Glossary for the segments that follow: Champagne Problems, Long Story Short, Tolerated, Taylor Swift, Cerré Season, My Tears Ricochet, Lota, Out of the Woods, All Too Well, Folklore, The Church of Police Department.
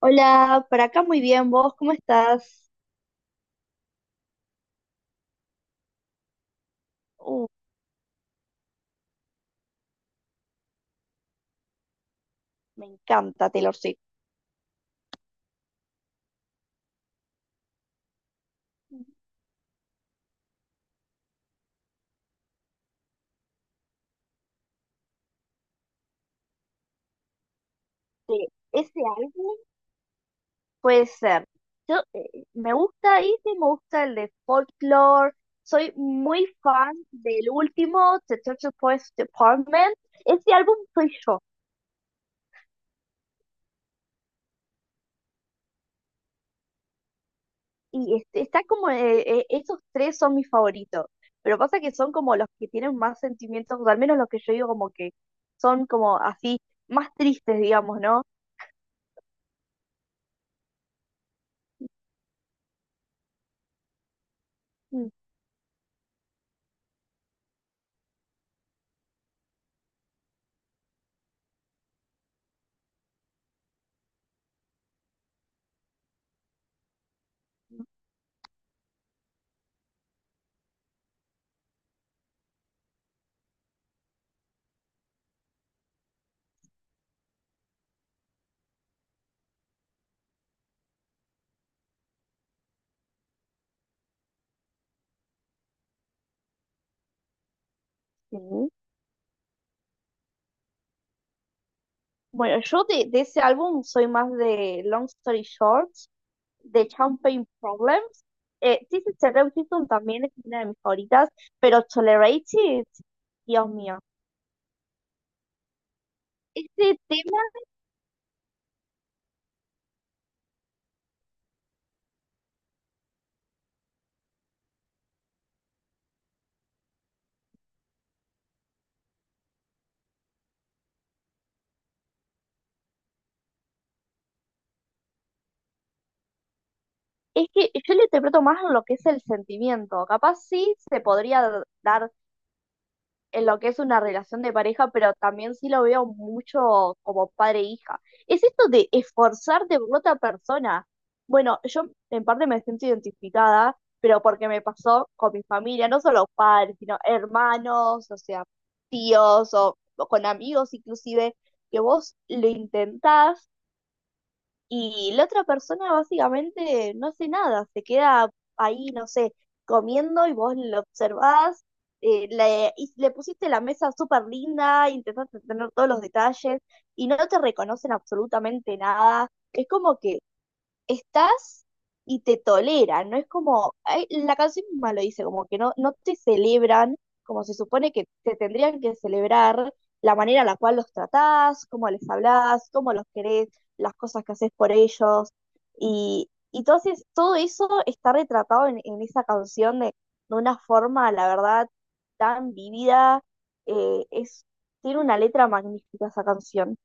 Hola, por acá muy bien, ¿vos cómo estás? Uh, Me encanta Taylor Swift. De ese álbum puede ser. Yo me gusta este, me gusta el de Folklore. Soy muy fan del último, The Church of Police Department. Ese álbum soy yo. Y este, está como, esos tres son mis favoritos. Pero pasa que son como los que tienen más sentimientos, o al menos los que yo digo como que son como así, más tristes, digamos, ¿no? Mm. Sí. Bueno, yo de ese álbum soy más de Long Story Short, de Champagne Problems. Sí, sí, Cerré Season también es una de mis favoritas, pero Tolerated, Dios mío. Este tema es que yo lo interpreto más en lo que es el sentimiento. Capaz sí se podría dar en lo que es una relación de pareja, pero también sí lo veo mucho como padre-hija. Es esto de esforzarte por otra persona. Bueno, yo en parte me siento identificada, pero porque me pasó con mi familia, no solo padres, sino hermanos, o sea, tíos o con amigos inclusive, que vos lo intentás y la otra persona básicamente no hace nada, se queda ahí, no sé, comiendo y vos lo observás, y le pusiste la mesa súper linda, intentaste tener todos los detalles y no te reconocen absolutamente nada. Es como que estás y te toleran, no es como, ay, la canción misma lo dice, como que no te celebran como se supone que te tendrían que celebrar, la manera en la cual los tratás, cómo les hablás, cómo los querés, las cosas que haces por ellos, y entonces todo eso está retratado en esa canción de una forma, la verdad, tan vivida, es, tiene una letra magnífica esa canción.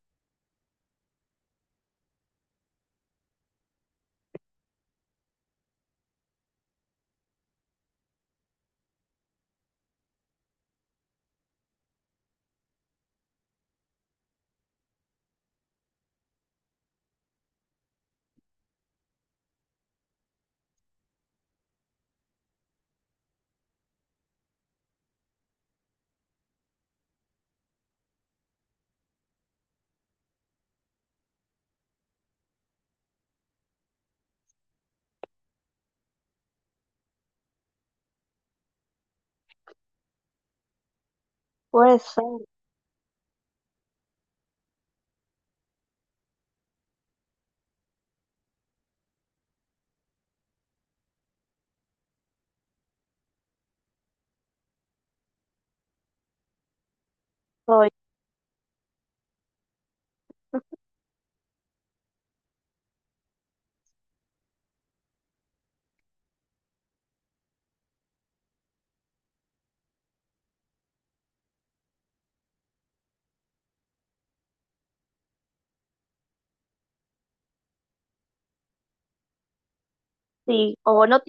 Puede ser. Soy- sí, o no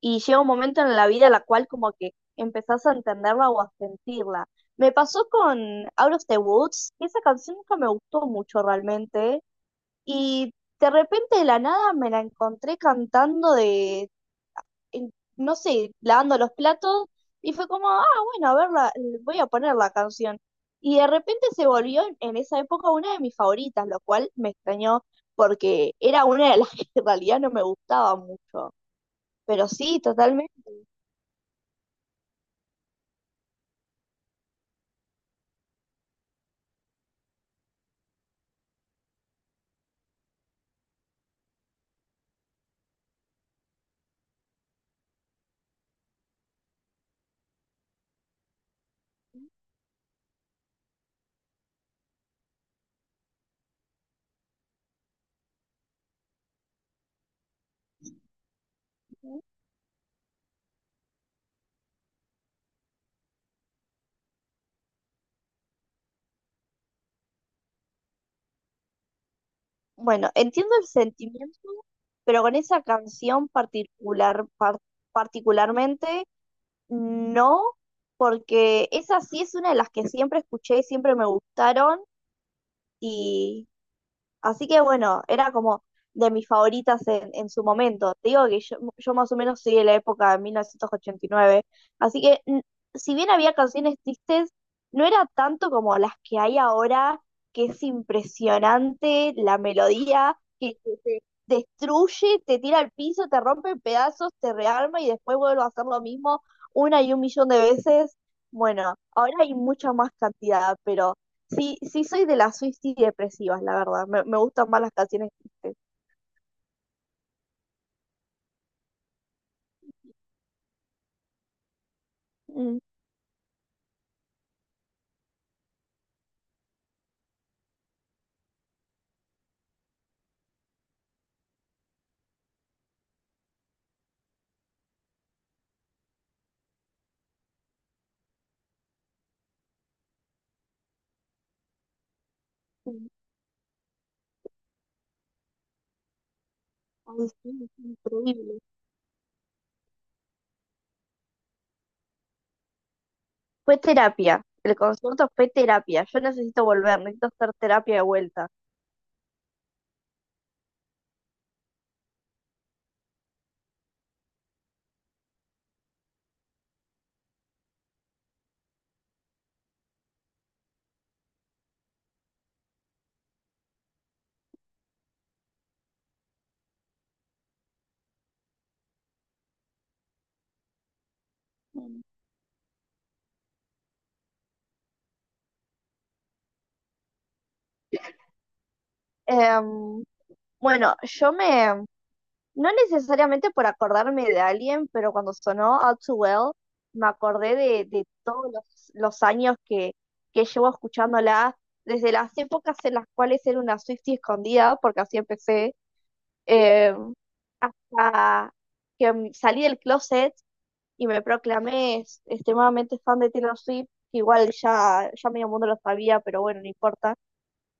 y llega un momento en la vida en la cual como que empezás a entenderla o a sentirla. Me pasó con Out of the Woods, que esa canción nunca me gustó mucho realmente, y de repente de la nada me la encontré cantando no sé, lavando los platos, y fue como, ah, bueno, a ver, voy a poner la canción. Y de repente se volvió en esa época una de mis favoritas, lo cual me extrañó porque era una de las que en realidad no me gustaba mucho. Pero sí, totalmente. Bueno, entiendo el sentimiento, pero con esa canción particular, particularmente, no, porque esa sí es una de las que siempre escuché y siempre me gustaron. Así que bueno, era como de mis favoritas en su momento. Te digo que yo más o menos soy de la época de 1989, así que si bien había canciones tristes, no era tanto como las que hay ahora, que es impresionante la melodía, que te destruye, te tira al piso, te rompe en pedazos, te rearma y después vuelve a hacer lo mismo una y un millón de veces. Bueno, ahora hay mucha más cantidad, pero sí, sí soy de las Swifties depresivas, la verdad. Me gustan más las canciones tristes. Mm, sí. Ay, sí, es increíble. Fue terapia. El concierto fue terapia. Yo necesito volver, necesito hacer terapia de vuelta. Mm. Em, bueno, no necesariamente por acordarme de alguien, pero cuando sonó All Too Well, me acordé de todos los años que llevo escuchándola, desde las épocas en las cuales era una Swiftie escondida, porque así empecé, em, hasta que salí del closet y me proclamé extremadamente fan de Taylor Swift, que igual ya medio mundo lo sabía, pero bueno, no importa.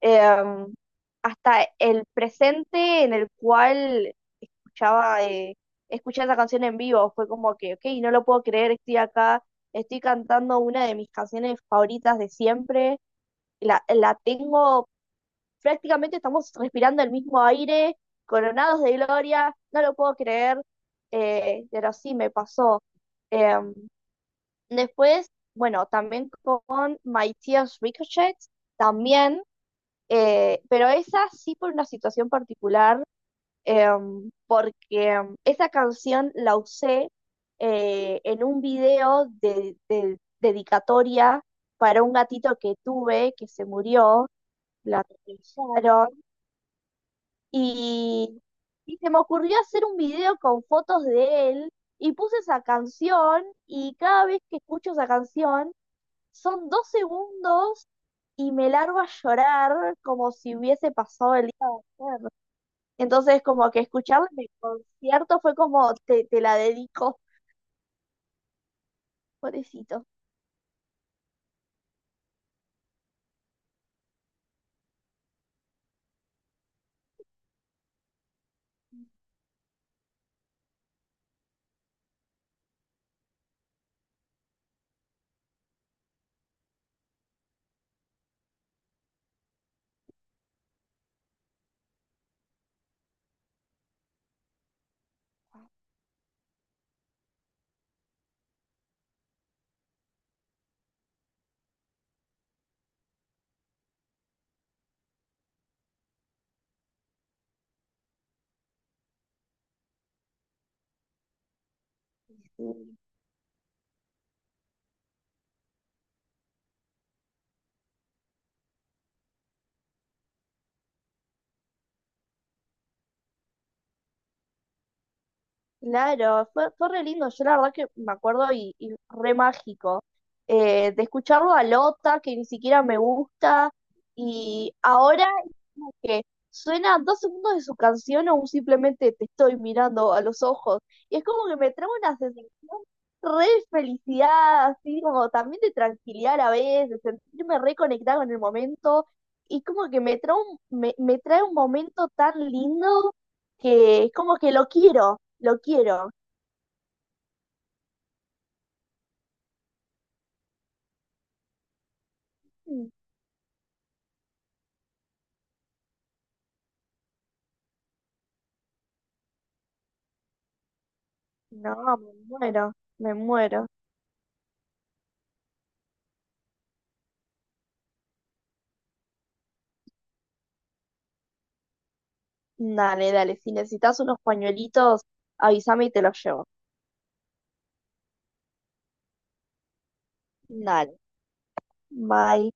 Em, hasta el presente en el cual escuchaba, eh, escuché esa canción en vivo, fue como que, ok, no lo puedo creer, estoy acá, estoy cantando una de mis canciones favoritas de siempre, la tengo, prácticamente estamos respirando el mismo aire, coronados de gloria, no lo puedo creer, pero sí me pasó. Em, después, bueno, también con My Tears Ricochet, también, pero esa sí por una situación particular, esa canción la usé en un video de dedicatoria para un gatito que tuve que se murió, la atropellaron. Y, y se me ocurrió hacer un video con fotos de él y puse esa canción y cada vez que escucho esa canción son dos segundos y me largo a llorar como si hubiese pasado el día de ayer. Entonces como que escucharla en el concierto fue como te la dedico, pobrecito. Sí. Claro, fue re lindo. Yo la verdad que me acuerdo y re mágico. Eh, de escucharlo a Lota, que ni siquiera me gusta, y ahora es como que suena dos segundos de su canción o un simplemente te estoy mirando a los ojos. Y es como que me trae una sensación re de felicidad, así como también de tranquilidad a la vez, de sentirme reconectada con el momento. Y como que me trae un, me trae un momento tan lindo que es como que lo quiero. Lo quiero. Mm. No, me muero, me muero. Dale, dale. Si necesitas unos pañuelitos, avísame y te los llevo. Dale, bye.